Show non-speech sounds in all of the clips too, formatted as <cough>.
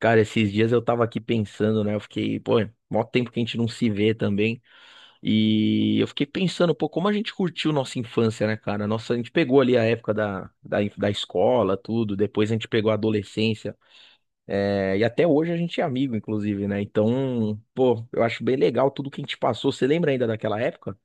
Cara, esses dias eu tava aqui pensando, né? Eu fiquei, pô, mó tempo que a gente não se vê também. E eu fiquei pensando, pô, como a gente curtiu nossa infância, né, cara? Nossa, a gente pegou ali a época da da escola, tudo. Depois a gente pegou a adolescência. É, e até hoje a gente é amigo, inclusive, né? Então, pô, eu acho bem legal tudo que a gente passou. Você lembra ainda daquela época?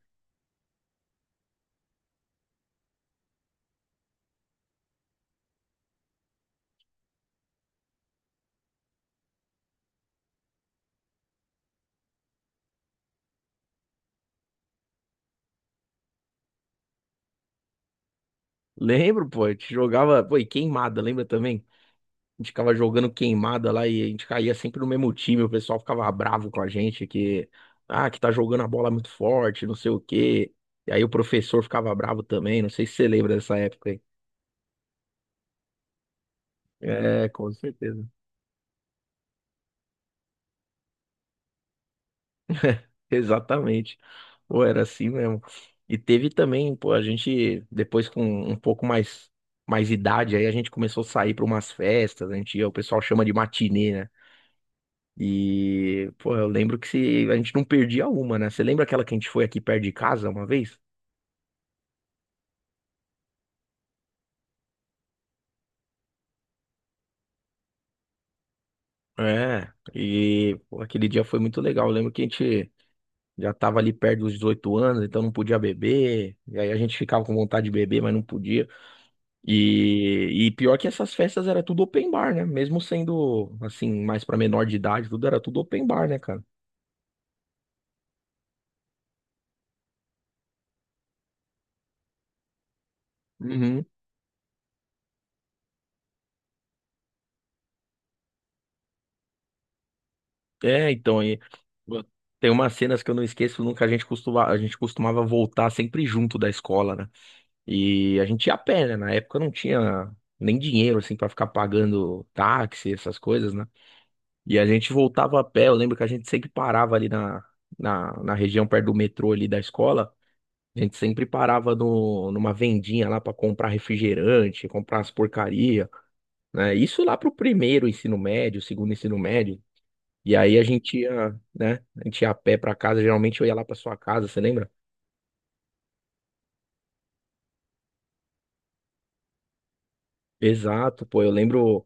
Lembro, pô, a gente jogava, pô, e queimada, lembra também? A gente ficava jogando queimada lá e a gente caía sempre no mesmo time. O pessoal ficava bravo com a gente que, ah, que tá jogando a bola muito forte, não sei o quê. E aí o professor ficava bravo também. Não sei se você lembra dessa época aí. É, com certeza. Exatamente. Pô, era assim mesmo. E teve também, pô, a gente, depois com um pouco mais, mais idade, aí a gente começou a sair para umas festas. A gente ia, o pessoal chama de matinê. E, pô, eu lembro que se, a gente não perdia uma, né? Você lembra aquela que a gente foi aqui perto de casa uma vez? É, e, pô, aquele dia foi muito legal. Eu lembro que a gente já tava ali perto dos 18 anos, então não podia beber. E aí a gente ficava com vontade de beber, mas não podia. E pior que essas festas era tudo open bar, né? Mesmo sendo, assim, mais pra menor de idade, tudo era tudo open bar, né, cara? Uhum. É, então, e pô, tem umas cenas que eu não esqueço nunca. A gente costumava voltar sempre junto da escola, né? E a gente ia a pé, né? Na época não tinha nem dinheiro, assim, pra ficar pagando táxi, essas coisas, né? E a gente voltava a pé. Eu lembro que a gente sempre parava ali na região perto do metrô ali da escola. A gente sempre parava no, numa vendinha lá pra comprar refrigerante, comprar as porcaria, né? Isso lá pro primeiro ensino médio, segundo ensino médio. E aí a gente ia, né? A gente ia a pé pra casa. Geralmente eu ia lá pra sua casa, você lembra? Exato, pô. Eu lembro.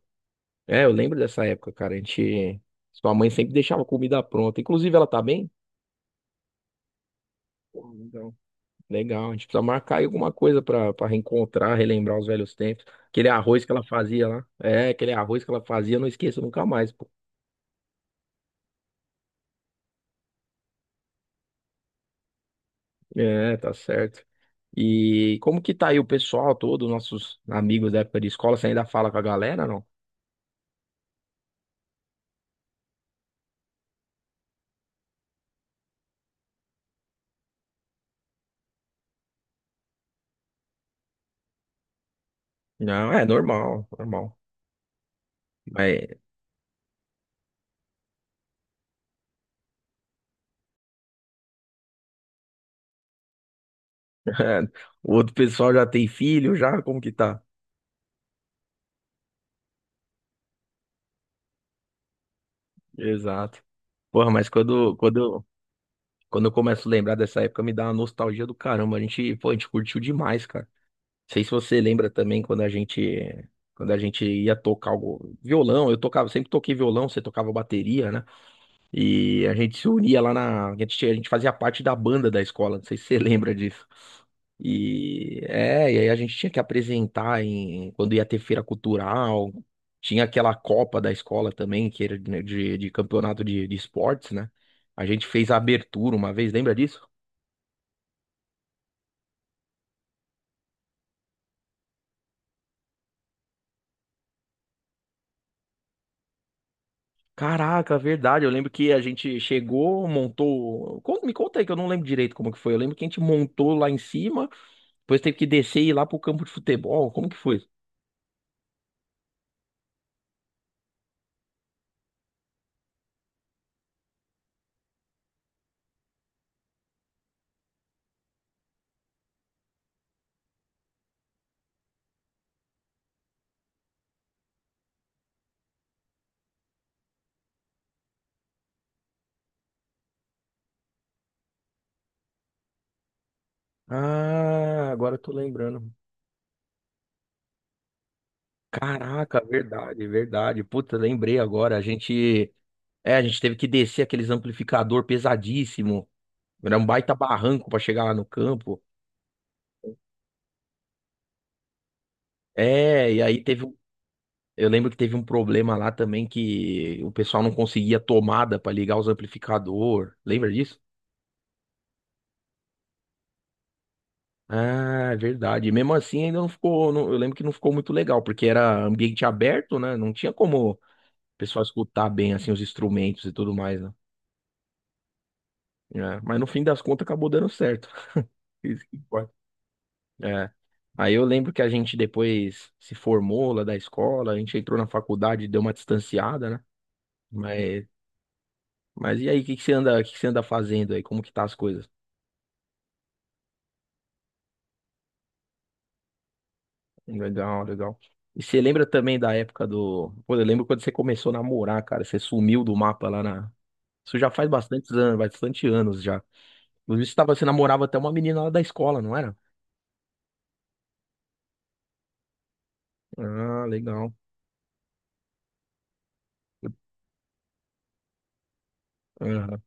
É, eu lembro dessa época, cara. A gente. Sua mãe sempre deixava comida pronta. Inclusive, ela tá bem? Pô, então, legal. A gente precisa marcar aí alguma coisa pra reencontrar, relembrar os velhos tempos. Aquele arroz que ela fazia lá. É, aquele arroz que ela fazia, eu não esqueço nunca mais, pô. É, tá certo. E como que tá aí o pessoal todo, nossos amigos da época de escola? Você ainda fala com a galera, não? Não, é normal, normal. Mas <laughs> o outro pessoal já tem filho, já? Como que tá? Exato. Porra, mas quando eu começo a lembrar dessa época, me dá uma nostalgia do caramba. A gente, pô, a gente curtiu demais, cara. Não sei se você lembra também quando a gente ia tocar algo, violão. Eu tocava, sempre toquei violão, você tocava bateria, né? E a gente se unia lá na, a gente fazia parte da banda da escola. Não sei se você <laughs> lembra disso. E aí a gente tinha que apresentar em quando ia ter feira cultural. Tinha aquela Copa da escola também, que era de campeonato de esportes, né? A gente fez a abertura uma vez, lembra disso? Caraca, verdade. Eu lembro que a gente chegou, montou. Me conta aí que eu não lembro direito como que foi. Eu lembro que a gente montou lá em cima, depois teve que descer e ir lá pro campo de futebol. Como que foi? Ah, agora eu tô lembrando. Caraca, verdade, verdade. Puta, lembrei agora. A gente, é, a gente teve que descer aqueles amplificador pesadíssimo. Era um baita barranco pra chegar lá no campo. É, e aí teve, eu lembro que teve um problema lá também que o pessoal não conseguia tomada para ligar os amplificador. Lembra disso? Ah, é verdade. E mesmo assim, ainda não ficou. Eu lembro que não ficou muito legal, porque era ambiente aberto, né? Não tinha como o pessoal escutar bem assim os instrumentos e tudo mais, né? É, mas no fim das contas acabou dando certo. <laughs> Isso que importa. É. Aí eu lembro que a gente depois se formou lá da escola, a gente entrou na faculdade, deu uma distanciada, né? Mas, mas e aí, o que que você anda fazendo aí? Como que tá as coisas? Legal, legal. E você lembra também da época do. Pô, eu lembro quando você começou a namorar, cara. Você sumiu do mapa lá na. Isso já faz bastantes anos, bastante anos já. Inclusive, você namorava até uma menina lá da escola, não era? Ah, legal. Aham.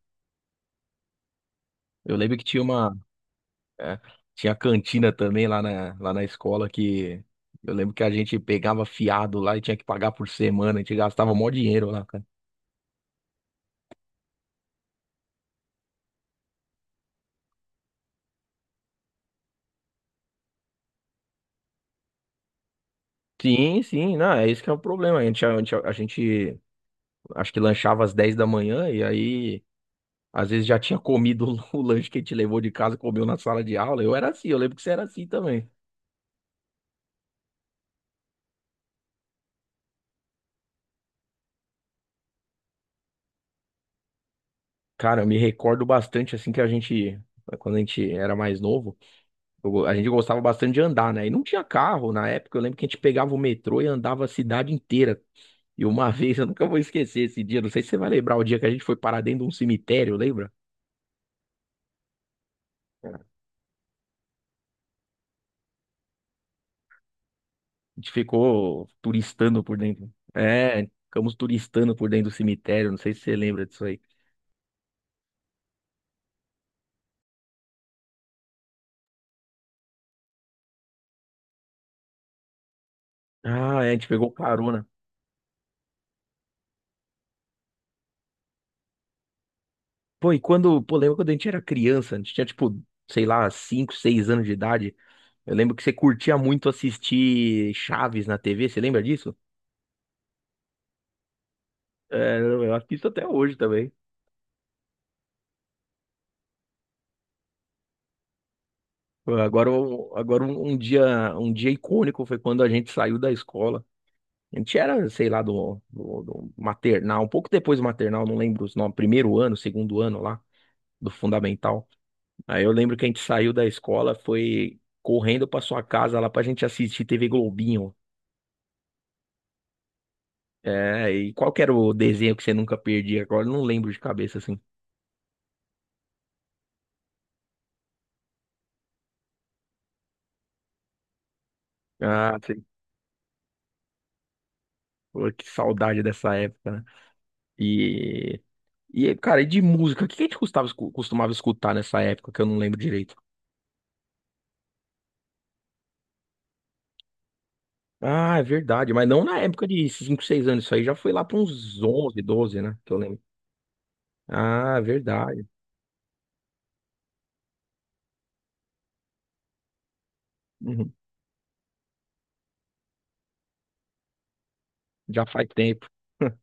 Eu lembro que tinha uma. É, tinha cantina também lá na escola que. Eu lembro que a gente pegava fiado lá e tinha que pagar por semana. A gente gastava mó dinheiro lá, cara. Sim, sim, não, é isso que é o problema. A gente acho que lanchava às 10 da manhã e aí. Às vezes já tinha comido <laughs> o lanche que a gente levou de casa, comeu na sala de aula. Eu era assim, eu lembro que você era assim também. Cara, eu me recordo bastante assim que a gente, quando a gente era mais novo, a gente gostava bastante de andar, né? E não tinha carro na época. Eu lembro que a gente pegava o metrô e andava a cidade inteira. E uma <laughs> vez, eu nunca vou esquecer esse dia, não sei se você vai lembrar o dia que a gente foi parar dentro de um cemitério, lembra? A gente ficou turistando por dentro. É, ficamos turistando por dentro do cemitério, não sei se você lembra disso aí. Ah, é, a gente pegou carona. Pô, e quando, pô, lembra quando a gente era criança, a gente tinha tipo, sei lá, 5 6 anos de idade. Eu lembro que você curtia muito assistir Chaves na TV, você lembra disso? É, eu assisto até hoje também. Pô, agora, agora um, um dia icônico foi quando a gente saiu da escola. A gente era, sei lá, do maternal, um pouco depois do maternal, não lembro os nomes, primeiro ano, segundo ano lá, do fundamental. Aí eu lembro que a gente saiu da escola, foi correndo pra sua casa lá pra gente assistir TV Globinho. É, e qual que era o desenho que você nunca perdia? Agora eu não lembro de cabeça assim. Ah, sei. Pô, que saudade dessa época, né? E, e cara, e de música? O que a gente costumava escutar nessa época que eu não lembro direito? Ah, é verdade, mas não na época de 5 6 anos. Isso aí já foi lá para uns 11 12, né? Que eu lembro. Ah, é verdade. Uhum. Já faz tempo. <laughs>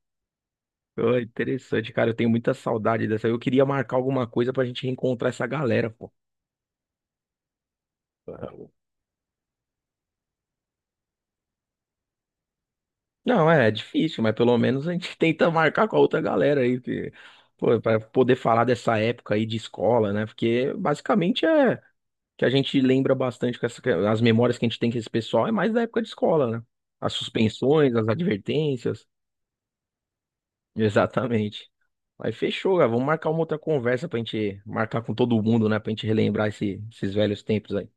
Pô, interessante, cara. Eu tenho muita saudade dessa. Eu queria marcar alguma coisa pra gente reencontrar essa galera, pô. Não, é, é difícil, mas pelo menos a gente <laughs> tenta marcar com a outra galera aí, que, pô, para poder falar dessa época aí de escola, né? Porque basicamente é que a gente lembra bastante com essa, as memórias que a gente tem com esse pessoal é mais da época de escola, né? As suspensões, as advertências. <laughs> Exatamente. Mas fechou, cara. Vamos marcar uma outra conversa pra gente marcar com todo mundo, né? Pra gente relembrar esses velhos tempos aí.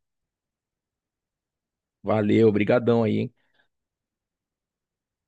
Valeu, brigadão aí, hein?